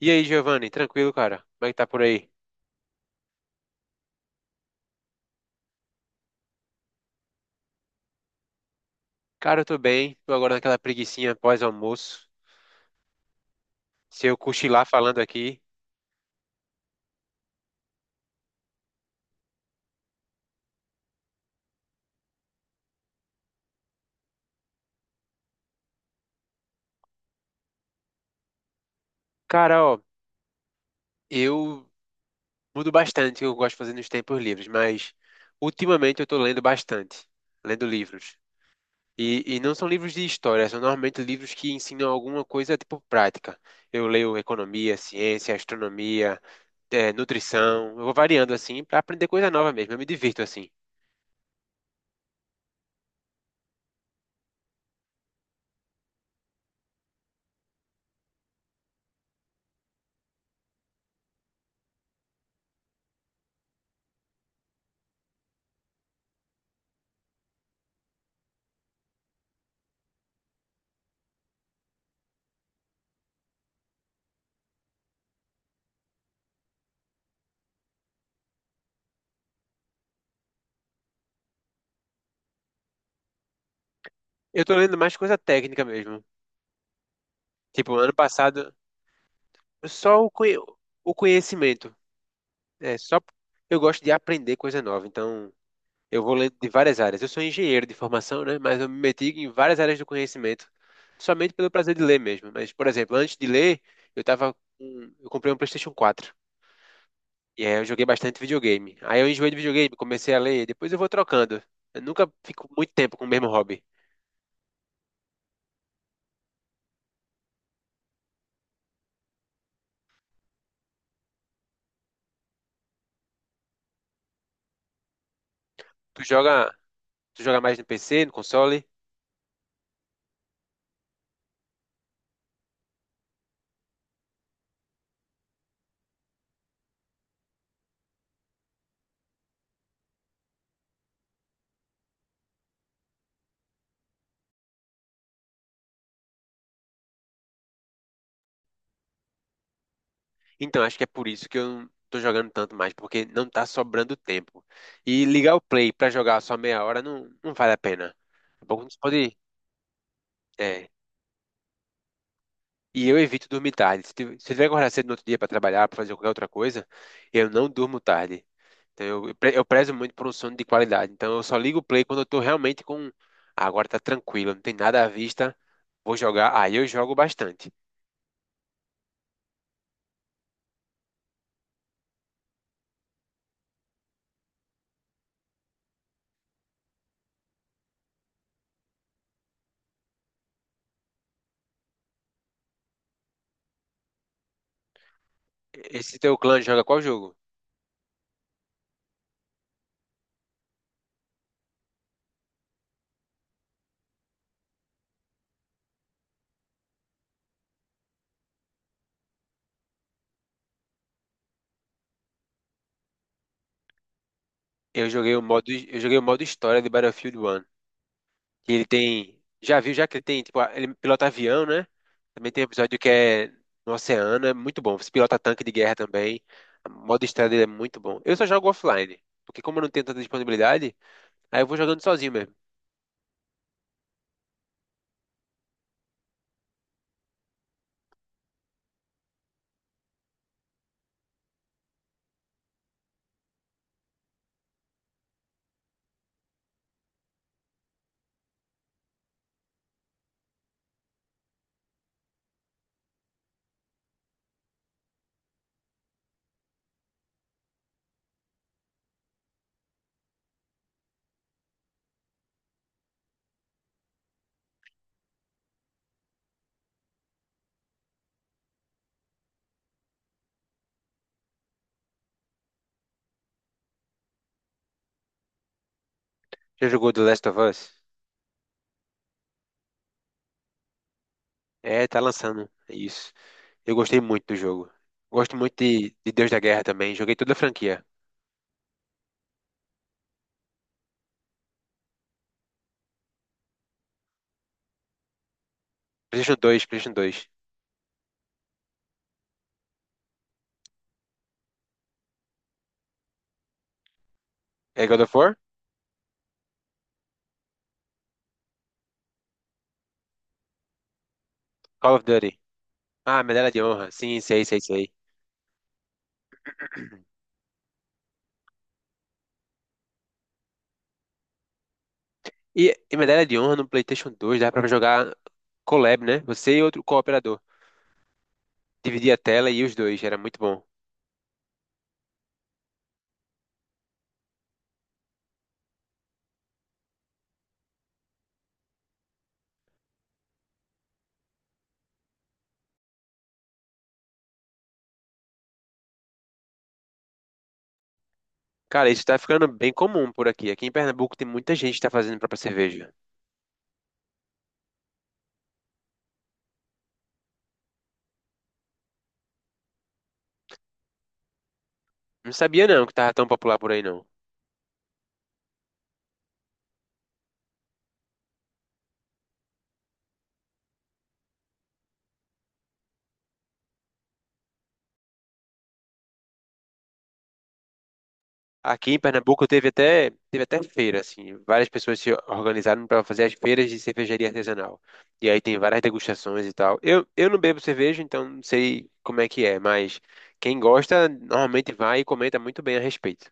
E aí, Giovanni, tranquilo, cara? Como é que tá por aí? Cara, eu tô bem, tô agora naquela preguicinha pós-almoço. Se eu cochilar falando aqui. Cara, ó, eu mudo bastante o que eu gosto de fazer nos tempos livres, mas ultimamente eu tô lendo bastante, lendo livros. E não são livros de história, são normalmente livros que ensinam alguma coisa tipo prática. Eu leio economia, ciência, astronomia, nutrição. Eu vou variando assim pra aprender coisa nova mesmo, eu me divirto assim. Eu tô lendo mais coisa técnica mesmo. Tipo, ano passado, só o, o conhecimento. É, só eu gosto de aprender coisa nova, então eu vou ler de várias áreas. Eu sou engenheiro de formação, né? Mas eu me meti em várias áreas do conhecimento, somente pelo prazer de ler mesmo. Mas, por exemplo, antes de ler, eu tava com... eu comprei um PlayStation 4. E aí eu joguei bastante videogame. Aí eu enjoei de videogame, comecei a ler, depois eu vou trocando. Eu nunca fico muito tempo com o mesmo hobby. Tu joga, tu joga mais no PC, no console? Então, acho que é por isso que eu não tô jogando tanto mais, porque não tá sobrando tempo. E ligar o play pra jogar só meia hora não vale a pena. Daqui a pouco não se pode. É. E eu evito dormir tarde. Se tiver que acordar cedo no outro dia pra trabalhar, pra fazer qualquer outra coisa, eu não durmo tarde. Então, eu prezo muito por um sono de qualidade. Então, eu só ligo o play quando eu tô realmente com. Ah, agora tá tranquilo, não tem nada à vista, vou jogar. Aí eu jogo bastante. Esse teu clã joga qual jogo? Eu joguei o modo história de Battlefield 1. Que ele tem. Já viu, já que ele tem, tipo, ele pilota avião, né? Também tem um episódio que é no oceano, é muito bom. Você pilota tanque de guerra também. O modo história dele é muito bom. Eu só jogo offline, porque como eu não tenho tanta disponibilidade, aí eu vou jogando sozinho mesmo. Já jogou The Last of Us? É, tá lançando. É isso. Eu gostei muito do jogo. Gosto muito de Deus da Guerra também. Joguei toda a franquia. PlayStation 2, PlayStation 2. É God of War? Call of Duty. Ah, Medalha de Honra. Sim, sei, sei, sei. E, e Medalha de Honra no PlayStation 2 dava pra jogar collab, né? Você e outro cooperador. Dividia a tela e os dois, era muito bom. Cara, isso tá ficando bem comum por aqui. Aqui em Pernambuco tem muita gente que tá fazendo própria cerveja. Não sabia não que tava tão popular por aí não. Aqui em Pernambuco teve até feira, assim. Várias pessoas se organizaram pra fazer as feiras de cervejaria artesanal. E aí tem várias degustações e tal. Eu não bebo cerveja, então não sei como é que é, mas quem gosta normalmente vai e comenta muito bem a respeito.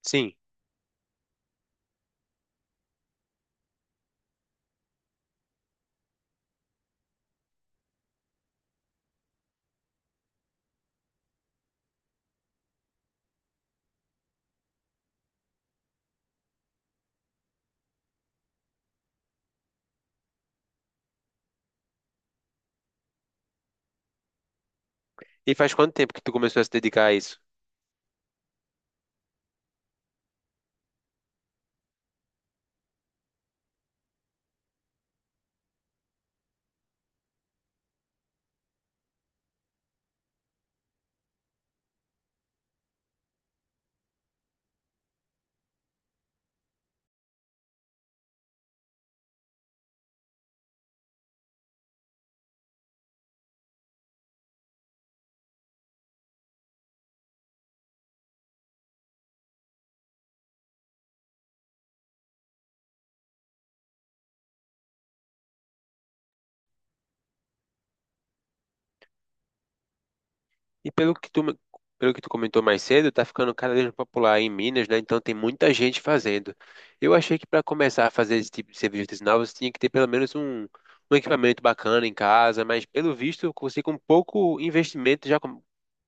Sim. E faz quanto tempo que tu começou a se dedicar a isso? E pelo que tu comentou mais cedo, tá ficando cada vez mais popular em Minas, né? Então tem muita gente fazendo. Eu achei que para começar a fazer esse tipo de serviços artesanais, você tinha que ter um equipamento bacana em casa, mas pelo visto, você com pouco investimento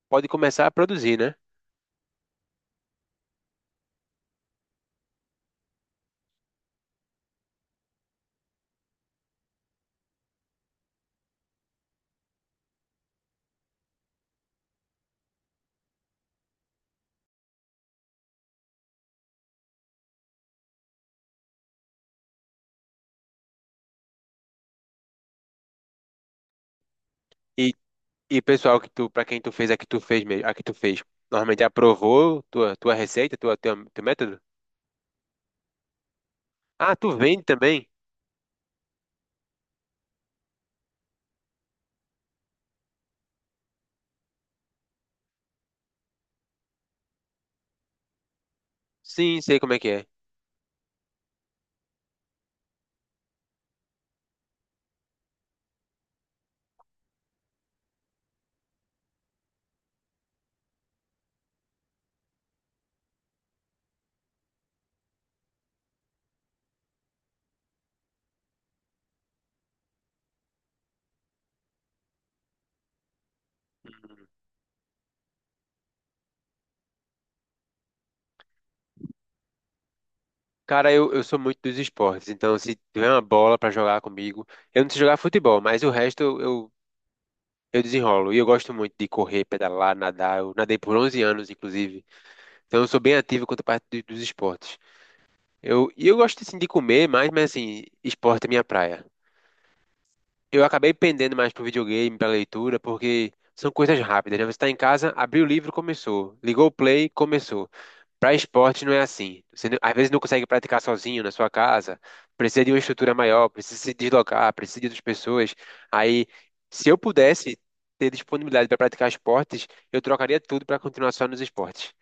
pode começar a produzir, né? E o pessoal que tu, para quem tu fez, a que tu fez mesmo, a que tu fez, normalmente aprovou tua receita, tua teu método? Ah, tu vende também? Sim, sei como é que é. Cara, eu sou muito dos esportes, então se tiver uma bola pra jogar comigo, eu não sei jogar futebol, mas o resto eu desenrolo. E eu gosto muito de correr, pedalar, nadar. Eu nadei por 11 anos, inclusive. Então eu sou bem ativo quanto à parte dos esportes. E eu gosto, assim, de comer mais, mas, assim, esporte é minha praia. Eu acabei pendendo mais pro videogame, pra leitura, porque são coisas rápidas, né? Você tá em casa, abriu o livro, começou. Ligou o play, começou. Pra esporte não é assim. Você, não- às vezes não consegue praticar sozinho na sua casa, precisa de uma estrutura maior, precisa se deslocar, precisa de outras pessoas. Aí, se eu pudesse ter disponibilidade para praticar esportes, eu trocaria tudo para continuar só nos esportes.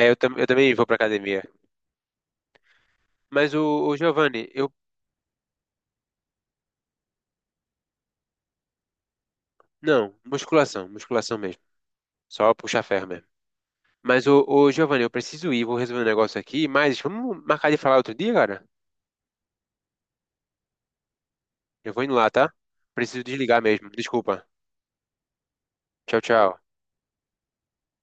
É, eu também vou pra academia. Mas o Giovanni, eu. Não, musculação, musculação mesmo. Só puxar ferro mesmo. Mas, ô Giovanni, eu preciso ir, vou resolver um negócio aqui, mas vamos marcar de falar outro dia, cara? Eu vou indo lá, tá? Preciso desligar mesmo. Desculpa. Tchau, tchau.